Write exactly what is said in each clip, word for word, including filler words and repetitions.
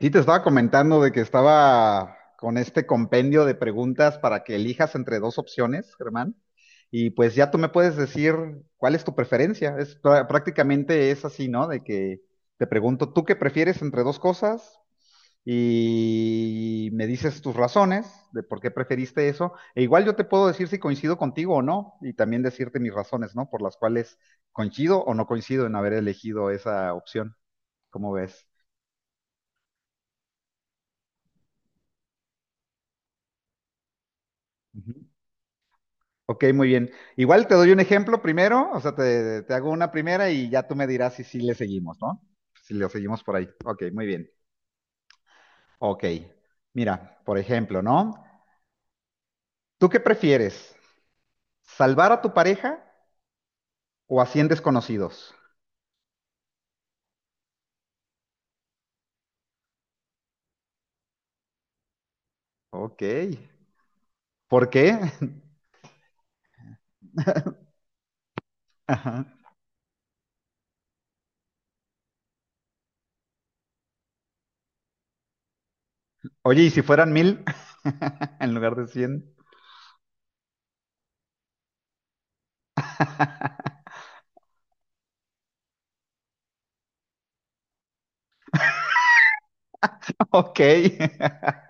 Sí, te estaba comentando de que estaba con este compendio de preguntas para que elijas entre dos opciones, Germán. Y pues ya tú me puedes decir cuál es tu preferencia. Es prá- prácticamente es así, ¿no? De que te pregunto, ¿tú qué prefieres entre dos cosas? Y me dices tus razones de por qué preferiste eso. E igual yo te puedo decir si coincido contigo o no, y también decirte mis razones, ¿no? Por las cuales coincido o no coincido en haber elegido esa opción. ¿Cómo ves? Ok, muy bien. Igual te doy un ejemplo primero, o sea, te, te hago una primera y ya tú me dirás si sí le seguimos, ¿no? Si le seguimos por ahí. Ok, muy bien. Ok. Mira, por ejemplo, ¿no? ¿Tú qué prefieres? ¿Salvar a tu pareja o a cien desconocidos? Ok. ¿Por qué? Ajá. Oye, ¿y si fueran mil en lugar de cien? Ok.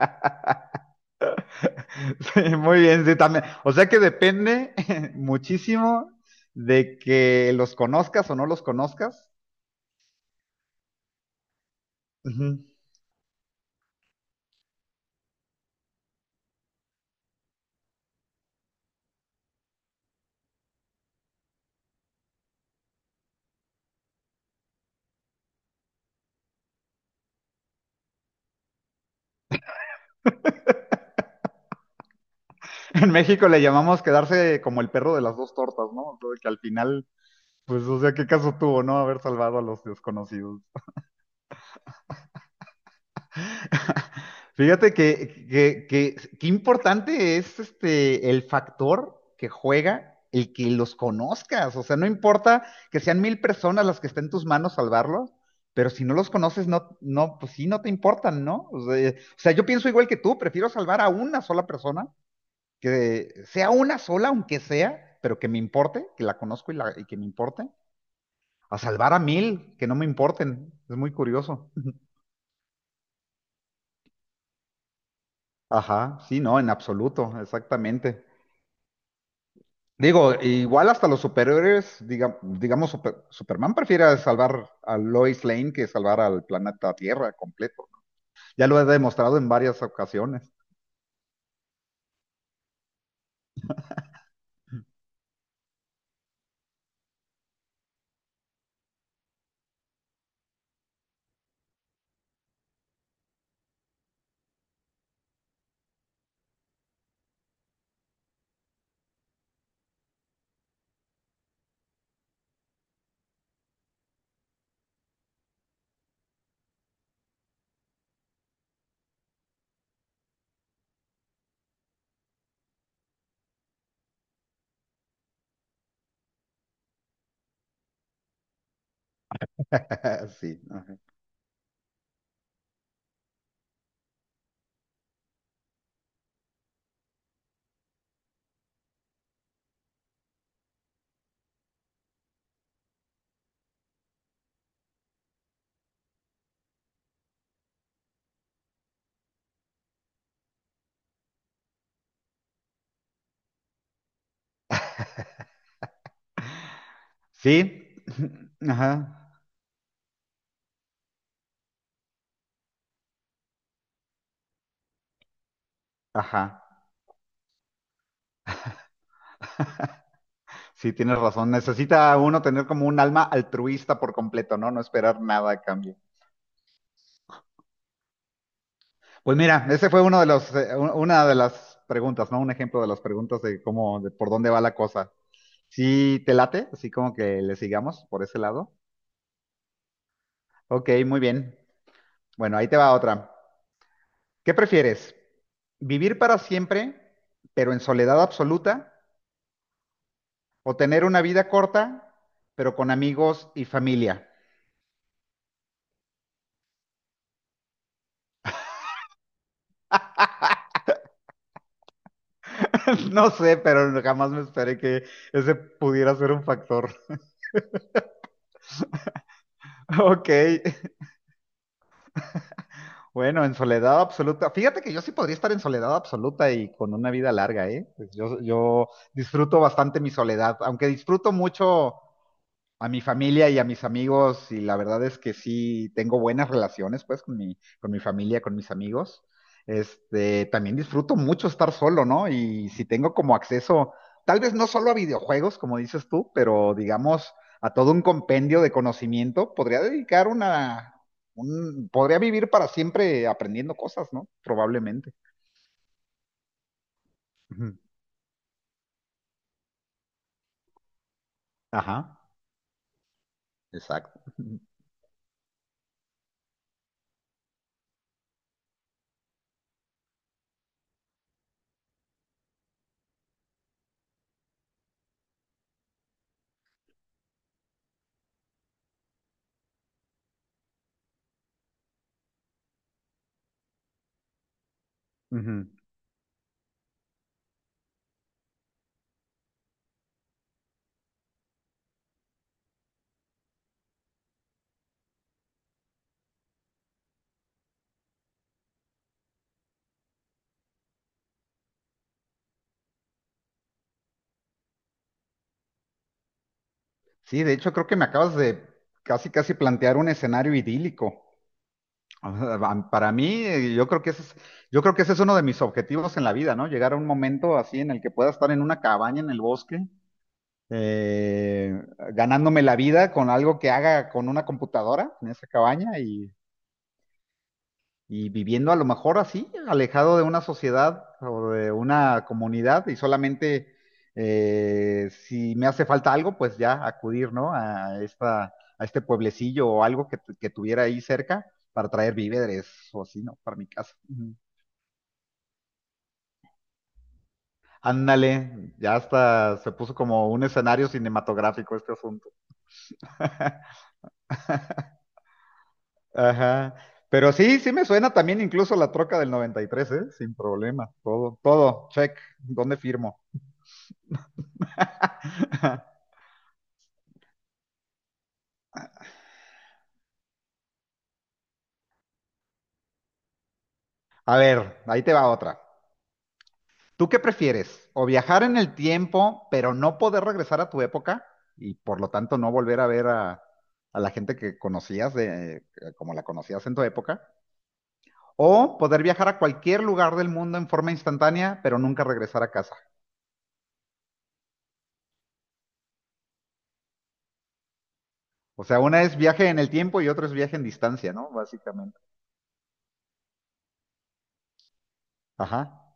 Sí, muy bien, sí, también. O sea que depende muchísimo de que los conozcas o no los conozcas. Ujú. En México le llamamos quedarse como el perro de las dos tortas, ¿no? O sea, que al final, pues, o sea, ¿qué caso tuvo, no? Haber salvado a los desconocidos. Fíjate que, que, que, qué importante es este el factor que juega el que los conozcas. O sea, no importa que sean mil personas las que estén en tus manos salvarlos, pero si no los conoces, no, no, pues sí, no te importan, ¿no? O sea, o sea, yo pienso igual que tú, prefiero salvar a una sola persona que sea una sola, aunque sea, pero que me importe, que la conozco y, la, y que me importe, a salvar a mil, que no me importen. Es muy curioso. Ajá, sí, no, en absoluto, exactamente. Digo, igual hasta los superhéroes, diga- digamos, super- Superman prefiere salvar a Lois Lane que salvar al planeta Tierra completo. Ya lo he demostrado en varias ocasiones. Sí, ajá. Sí, ajá, ajá. Sí, tienes razón. Necesita uno tener como un alma altruista por completo, ¿no? No esperar nada a cambio. Pues mira, ese fue uno de los, eh, un- una de las preguntas, ¿no? Un ejemplo de las preguntas de cómo, de por dónde va la cosa. Sí, te late, así como que le sigamos por ese lado. Ok, muy bien. Bueno, ahí te va otra. ¿Qué prefieres? ¿Vivir para siempre, pero en soledad absoluta? ¿O tener una vida corta, pero con amigos y familia? No sé, pero jamás me esperé que ese pudiera ser un factor. Ok, bueno, en soledad absoluta. Fíjate que yo sí podría estar en soledad absoluta y con una vida larga, ¿eh? Pues yo, yo disfruto bastante mi soledad, aunque disfruto mucho a mi familia y a mis amigos, y la verdad es que sí tengo buenas relaciones, pues, con mi, con mi familia, con mis amigos. Este, también disfruto mucho estar solo, ¿no? Y si tengo como acceso, tal vez no solo a videojuegos, como dices tú, pero digamos a todo un compendio de conocimiento, podría dedicar una, un, podría vivir para siempre aprendiendo cosas, ¿no? Probablemente. Ujú. Ajá. Exacto. Ujú. Sí, de hecho creo que me acabas de casi, casi plantear un escenario idílico. O para mí, eh, yo creo que ese es, yo creo que ese es uno de mis objetivos en la vida, ¿no? Llegar a un momento así en el que pueda estar en una cabaña en el bosque, eh, ganándome la vida con algo que haga con una computadora en esa cabaña y, y viviendo a lo mejor así, alejado de una sociedad o de una comunidad y solamente eh, si me hace falta algo, pues ya acudir, ¿no? A esta, a este pueblecillo o algo que, tu- que tuviera ahí cerca para traer víveres o así, ¿no? Para mi casa. Ujú. Ándale, ya hasta se puso como un escenario cinematográfico este asunto. Ajá. Pero sí, sí me suena también incluso la troca del noventa y tres, ¿eh? Sin problema. Todo, todo, check. ¿Dónde firmo? A ver, ahí te va otra. ¿Tú qué prefieres? ¿O viajar en el tiempo, pero no poder regresar a tu época y por lo tanto no volver a ver a, a la gente que conocías de, eh, como la conocías en tu época? ¿O poder viajar a cualquier lugar del mundo en forma instantánea, pero nunca regresar a casa? O sea, una es viaje en el tiempo y otra es viaje en distancia, ¿no? Básicamente. Ajá.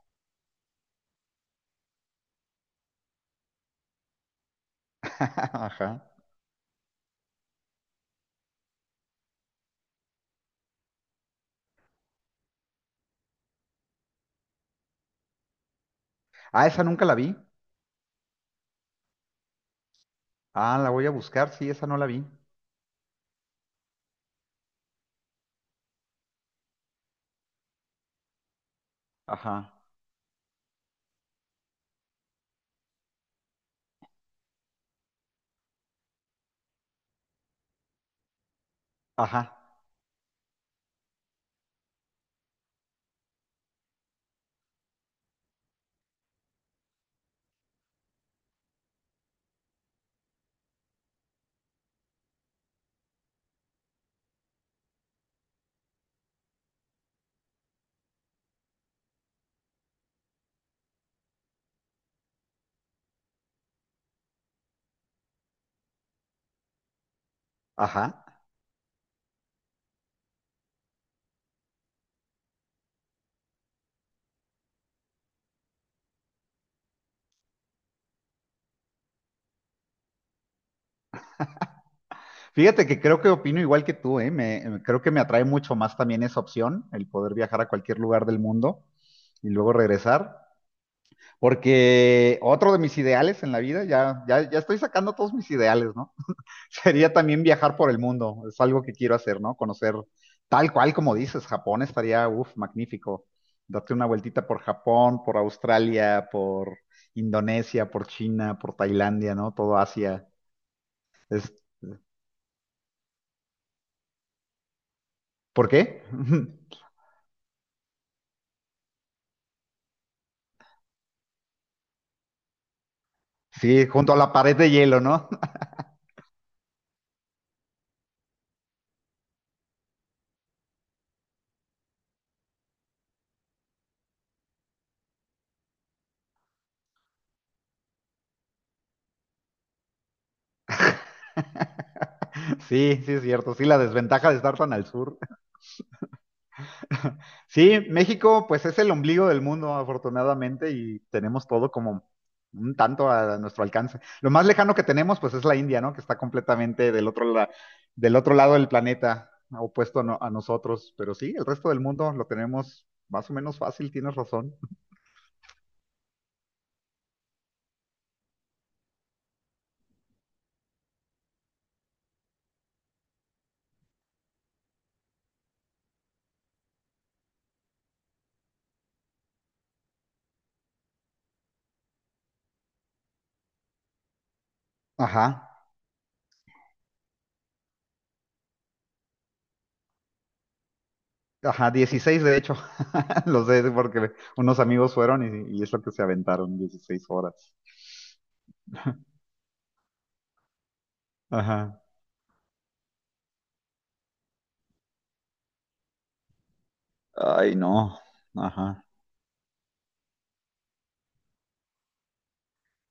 Ajá. Ah, esa nunca la vi. Ah, la voy a buscar. Sí, esa no la vi. Ajá. Ajá. Ajá. Fíjate que creo que opino igual que tú, ¿eh? Me, me- creo que me atrae mucho más también esa opción, el poder viajar a cualquier lugar del mundo y luego regresar, porque otro de mis ideales en la vida, ya, ya, ya estoy sacando todos mis ideales, ¿no? Sería también viajar por el mundo, es algo que quiero hacer, ¿no? Conocer tal cual como dices, Japón estaría, uff, magnífico. Date una vueltita por Japón, por Australia, por Indonesia, por China, por Tailandia, ¿no? Todo Asia. Es, ¿por qué? Sí, junto a la pared de hielo, ¿no? Sí, sí es cierto, sí, la desventaja de estar tan al sur. Sí, México pues es el ombligo del mundo, afortunadamente, y tenemos todo como un tanto a nuestro alcance. Lo más lejano que tenemos pues es la India, ¿no? Que está completamente del otro, la- del otro lado del planeta, opuesto a, no- a nosotros, pero sí, el resto del mundo lo tenemos más o menos fácil, tienes razón. Ajá. Ajá, dieciséis de hecho. Lo sé porque unos amigos fueron y, y es lo que se aventaron, dieciséis horas. Ajá. Ay, no. Ajá.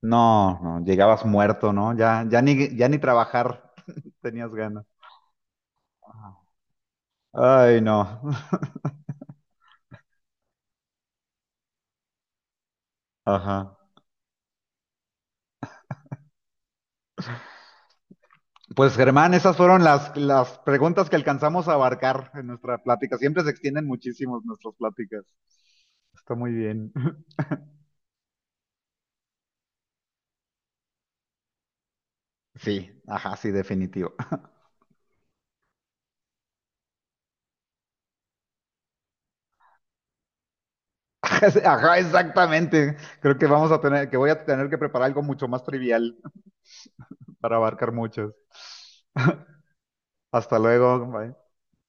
No, no, llegabas muerto, ¿no? Ya, ya ni, ya ni trabajar tenías ganas. Ajá. Ay, no. Ajá. Pues Germán, esas fueron las, las preguntas que alcanzamos a abarcar en nuestra plática. Siempre se extienden muchísimo nuestras pláticas. Está muy bien. Sí, ajá, sí, definitivo. Ajá, exactamente. Creo que vamos a tener, que voy a tener que preparar algo mucho más trivial para abarcar muchos. Hasta luego. Bye.